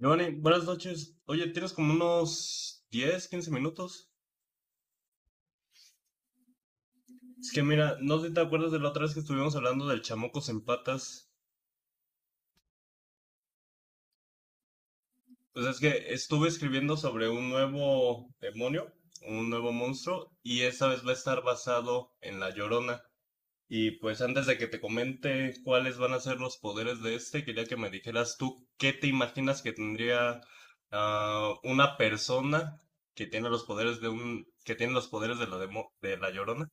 Giovanni, buenas noches. Oye, tienes como unos 10, 15 minutos. Es que mira, no sé si te acuerdas de la otra vez que estuvimos hablando del chamocos en patas. Pues es que estuve escribiendo sobre un nuevo demonio, un nuevo monstruo, y esta vez va a estar basado en la Llorona. Y pues antes de que te comente cuáles van a ser los poderes de este, quería que me dijeras tú qué te imaginas que tendría una persona que tiene los poderes de un, que tiene los poderes de la demo- de la Llorona.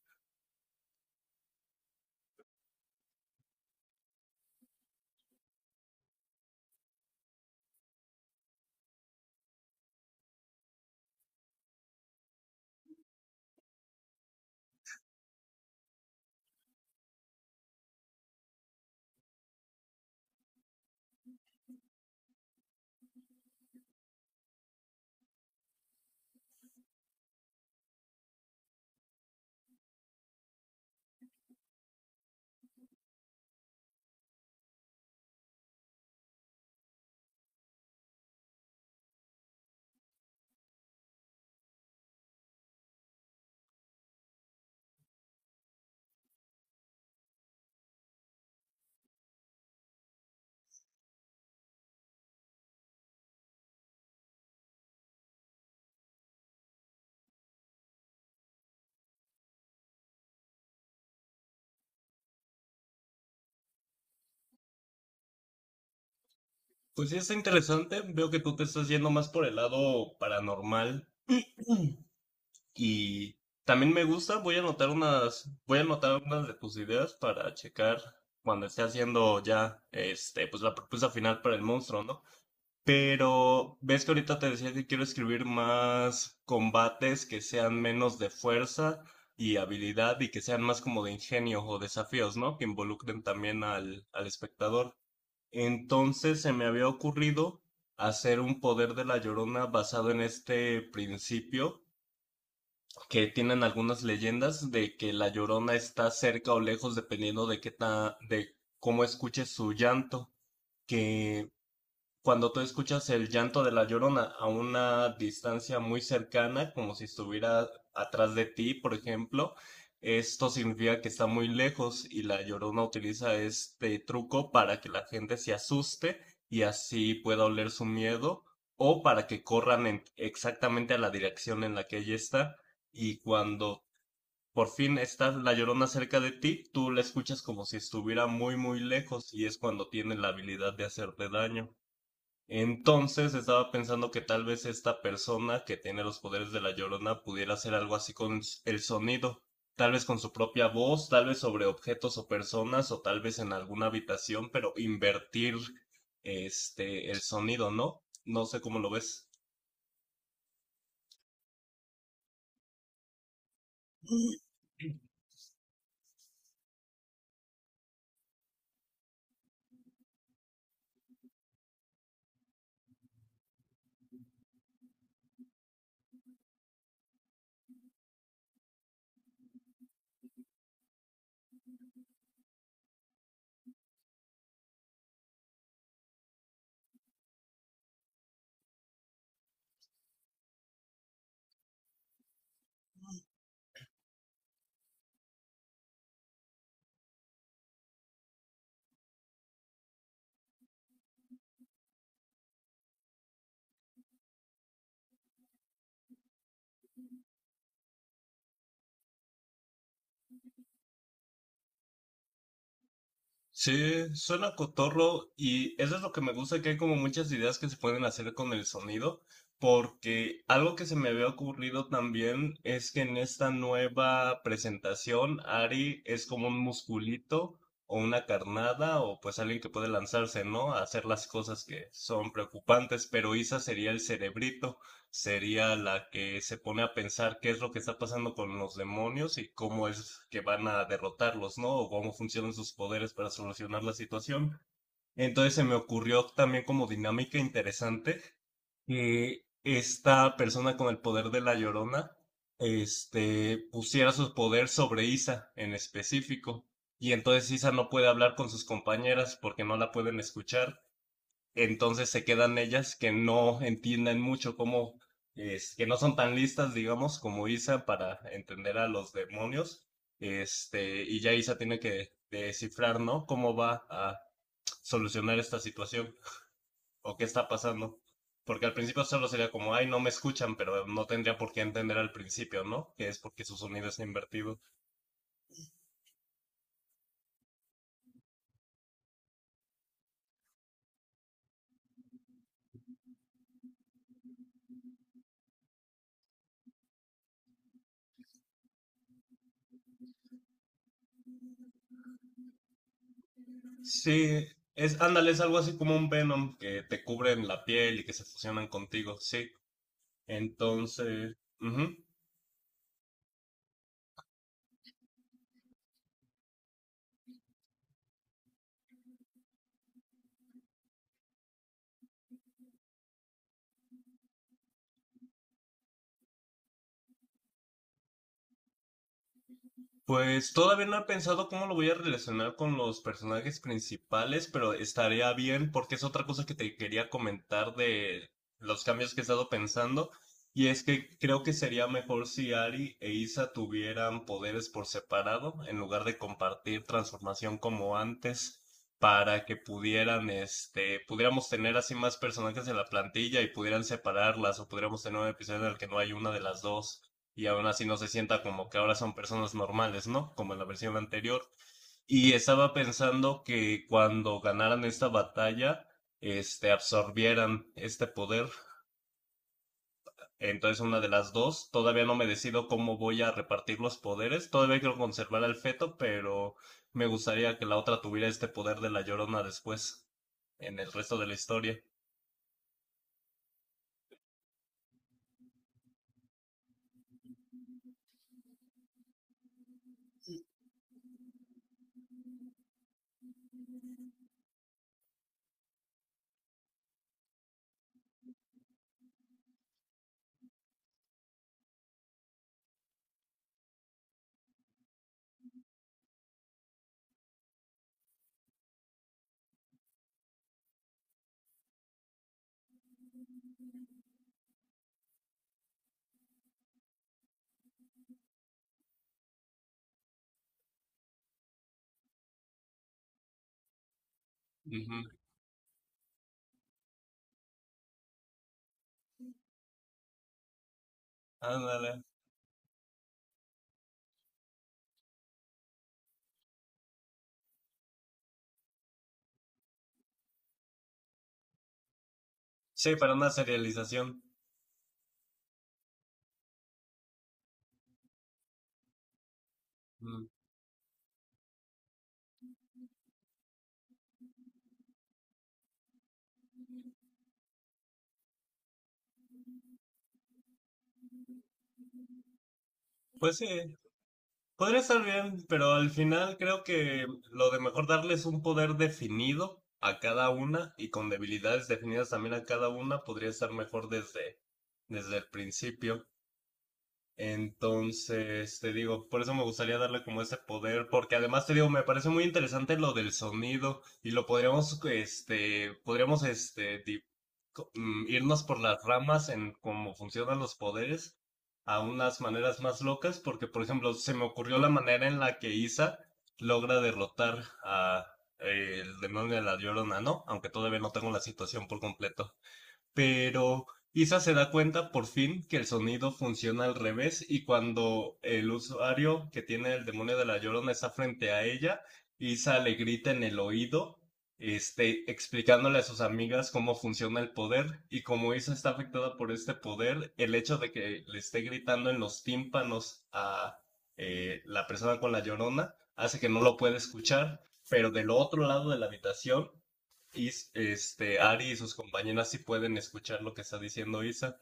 Pues sí, está interesante. Veo que tú te estás yendo más por el lado paranormal. Mm. Y también me gusta. Voy a anotar unas de tus ideas para checar cuando esté haciendo ya, pues la propuesta final para el monstruo, ¿no? Pero ves que ahorita te decía que quiero escribir más combates que sean menos de fuerza y habilidad y que sean más como de ingenio o desafíos, ¿no? Que involucren también al espectador. Entonces se me había ocurrido hacer un poder de la Llorona basado en este principio que tienen algunas leyendas de que la Llorona está cerca o lejos dependiendo de de cómo escuches su llanto, que cuando tú escuchas el llanto de la llorona a una distancia muy cercana, como si estuviera atrás de ti, por ejemplo, esto significa que está muy lejos y la llorona utiliza este truco para que la gente se asuste y así pueda oler su miedo o para que corran exactamente a la dirección en la que ella está y cuando por fin está la llorona cerca de ti, tú la escuchas como si estuviera muy muy lejos y es cuando tiene la habilidad de hacerte daño. Entonces estaba pensando que tal vez esta persona que tiene los poderes de la Llorona pudiera hacer algo así con el sonido, tal vez con su propia voz, tal vez sobre objetos o personas, o tal vez en alguna habitación, pero invertir el sonido, ¿no? No sé cómo lo ves. Sí, suena cotorro y eso es lo que me gusta, que hay como muchas ideas que se pueden hacer con el sonido, porque algo que se me había ocurrido también es que en esta nueva presentación Ari es como un musculito o una carnada o pues alguien que puede lanzarse, ¿no? A hacer las cosas que son preocupantes, pero Isa sería el cerebrito, sería la que se pone a pensar qué es lo que está pasando con los demonios y cómo es que van a derrotarlos, ¿no? O cómo funcionan sus poderes para solucionar la situación. Entonces se me ocurrió también como dinámica interesante que esta persona con el poder de la Llorona, pusiera su poder sobre Isa en específico. Y entonces Isa no puede hablar con sus compañeras porque no la pueden escuchar, entonces se quedan ellas que no entienden mucho que no son tan listas, digamos, como Isa para entender a los demonios. Y ya Isa tiene que descifrar, ¿no? Cómo va a solucionar esta situación o qué está pasando. Porque al principio solo sería como, ay, no me escuchan, pero no tendría por qué entender al principio, ¿no? Que es porque su sonido está invertido. Sí, ándale, es algo así como un Venom que te cubre en la piel y que se fusionan contigo, sí. Entonces, ujú. Pues todavía no he pensado cómo lo voy a relacionar con los personajes principales, pero estaría bien porque es otra cosa que te quería comentar de los cambios que he estado pensando. Y es que creo que sería mejor si Ari e Isa tuvieran poderes por separado, en lugar de compartir transformación como antes, para que pudiéramos tener así más personajes en la plantilla y pudieran separarlas, o pudiéramos tener un episodio en el que no hay una de las dos. Y aún así no se sienta como que ahora son personas normales, ¿no? Como en la versión anterior. Y estaba pensando que cuando ganaran esta batalla, absorbieran este poder. Entonces una de las dos, todavía no me decido cómo voy a repartir los poderes, todavía quiero conservar al feto, pero me gustaría que la otra tuviera este poder de la Llorona después, en el resto de la historia. Ujú. Ándale. Sí, para una serialización. Mm. Pues sí, podría estar bien, pero al final creo que lo de mejor darles un poder definido a cada una y con debilidades definidas también a cada una podría estar mejor desde el principio. Entonces, te digo, por eso me gustaría darle como ese poder, porque además te digo, me parece muy interesante lo del sonido y lo podríamos, irnos por las ramas en cómo funcionan los poderes a unas maneras más locas, porque por ejemplo, se me ocurrió la manera en la que Isa logra derrotar a el demonio de la Llorona, ¿no? Aunque todavía no tengo la situación por completo, pero Isa se da cuenta por fin que el sonido funciona al revés y cuando el usuario que tiene el demonio de la Llorona está frente a ella, Isa le grita en el oído, explicándole a sus amigas cómo funciona el poder y como Isa está afectada por este poder, el hecho de que le esté gritando en los tímpanos a la persona con la Llorona hace que no lo pueda escuchar, pero del otro lado de la habitación. Ari y sus compañeras sí pueden escuchar lo que está diciendo Isa.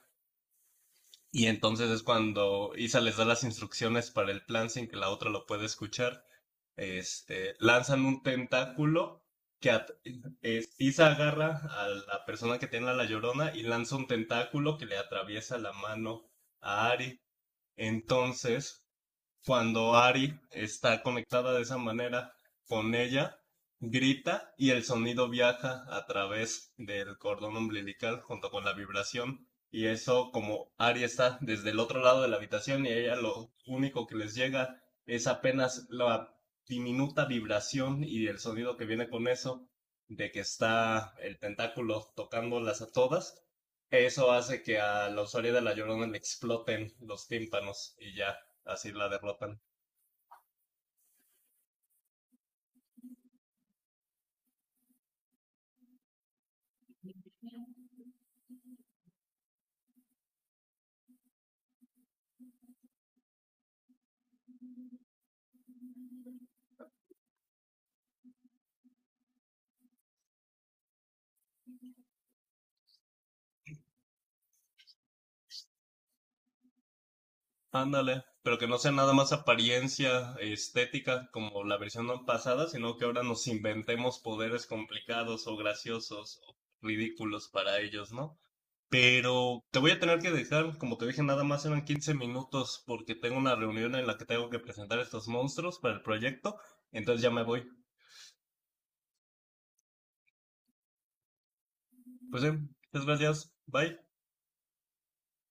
Y entonces es cuando Isa les da las instrucciones para el plan sin que la otra lo pueda escuchar. Lanzan un tentáculo que at- Isa agarra a la persona que tiene a la llorona y lanza un tentáculo que le atraviesa la mano a Ari. Entonces, cuando Ari está conectada de esa manera con ella, grita y el sonido viaja a través del cordón umbilical junto con la vibración. Y eso, como Ari está desde el otro lado de la habitación y a ella lo único que les llega es apenas la diminuta vibración y el sonido que viene con eso, de que está el tentáculo tocándolas a todas, eso hace que a la usuaria de la Llorona le exploten los tímpanos y ya, así la derrotan. Ándale, pero que no sea nada más apariencia estética como la versión pasada, sino que ahora nos inventemos poderes complicados o graciosos o ridículos para ellos, ¿no? Pero te voy a tener que dejar, como te dije, nada más eran 15 minutos porque tengo una reunión en la que tengo que presentar estos monstruos para el proyecto, entonces ya me voy. Pues sí, muchas gracias, bye.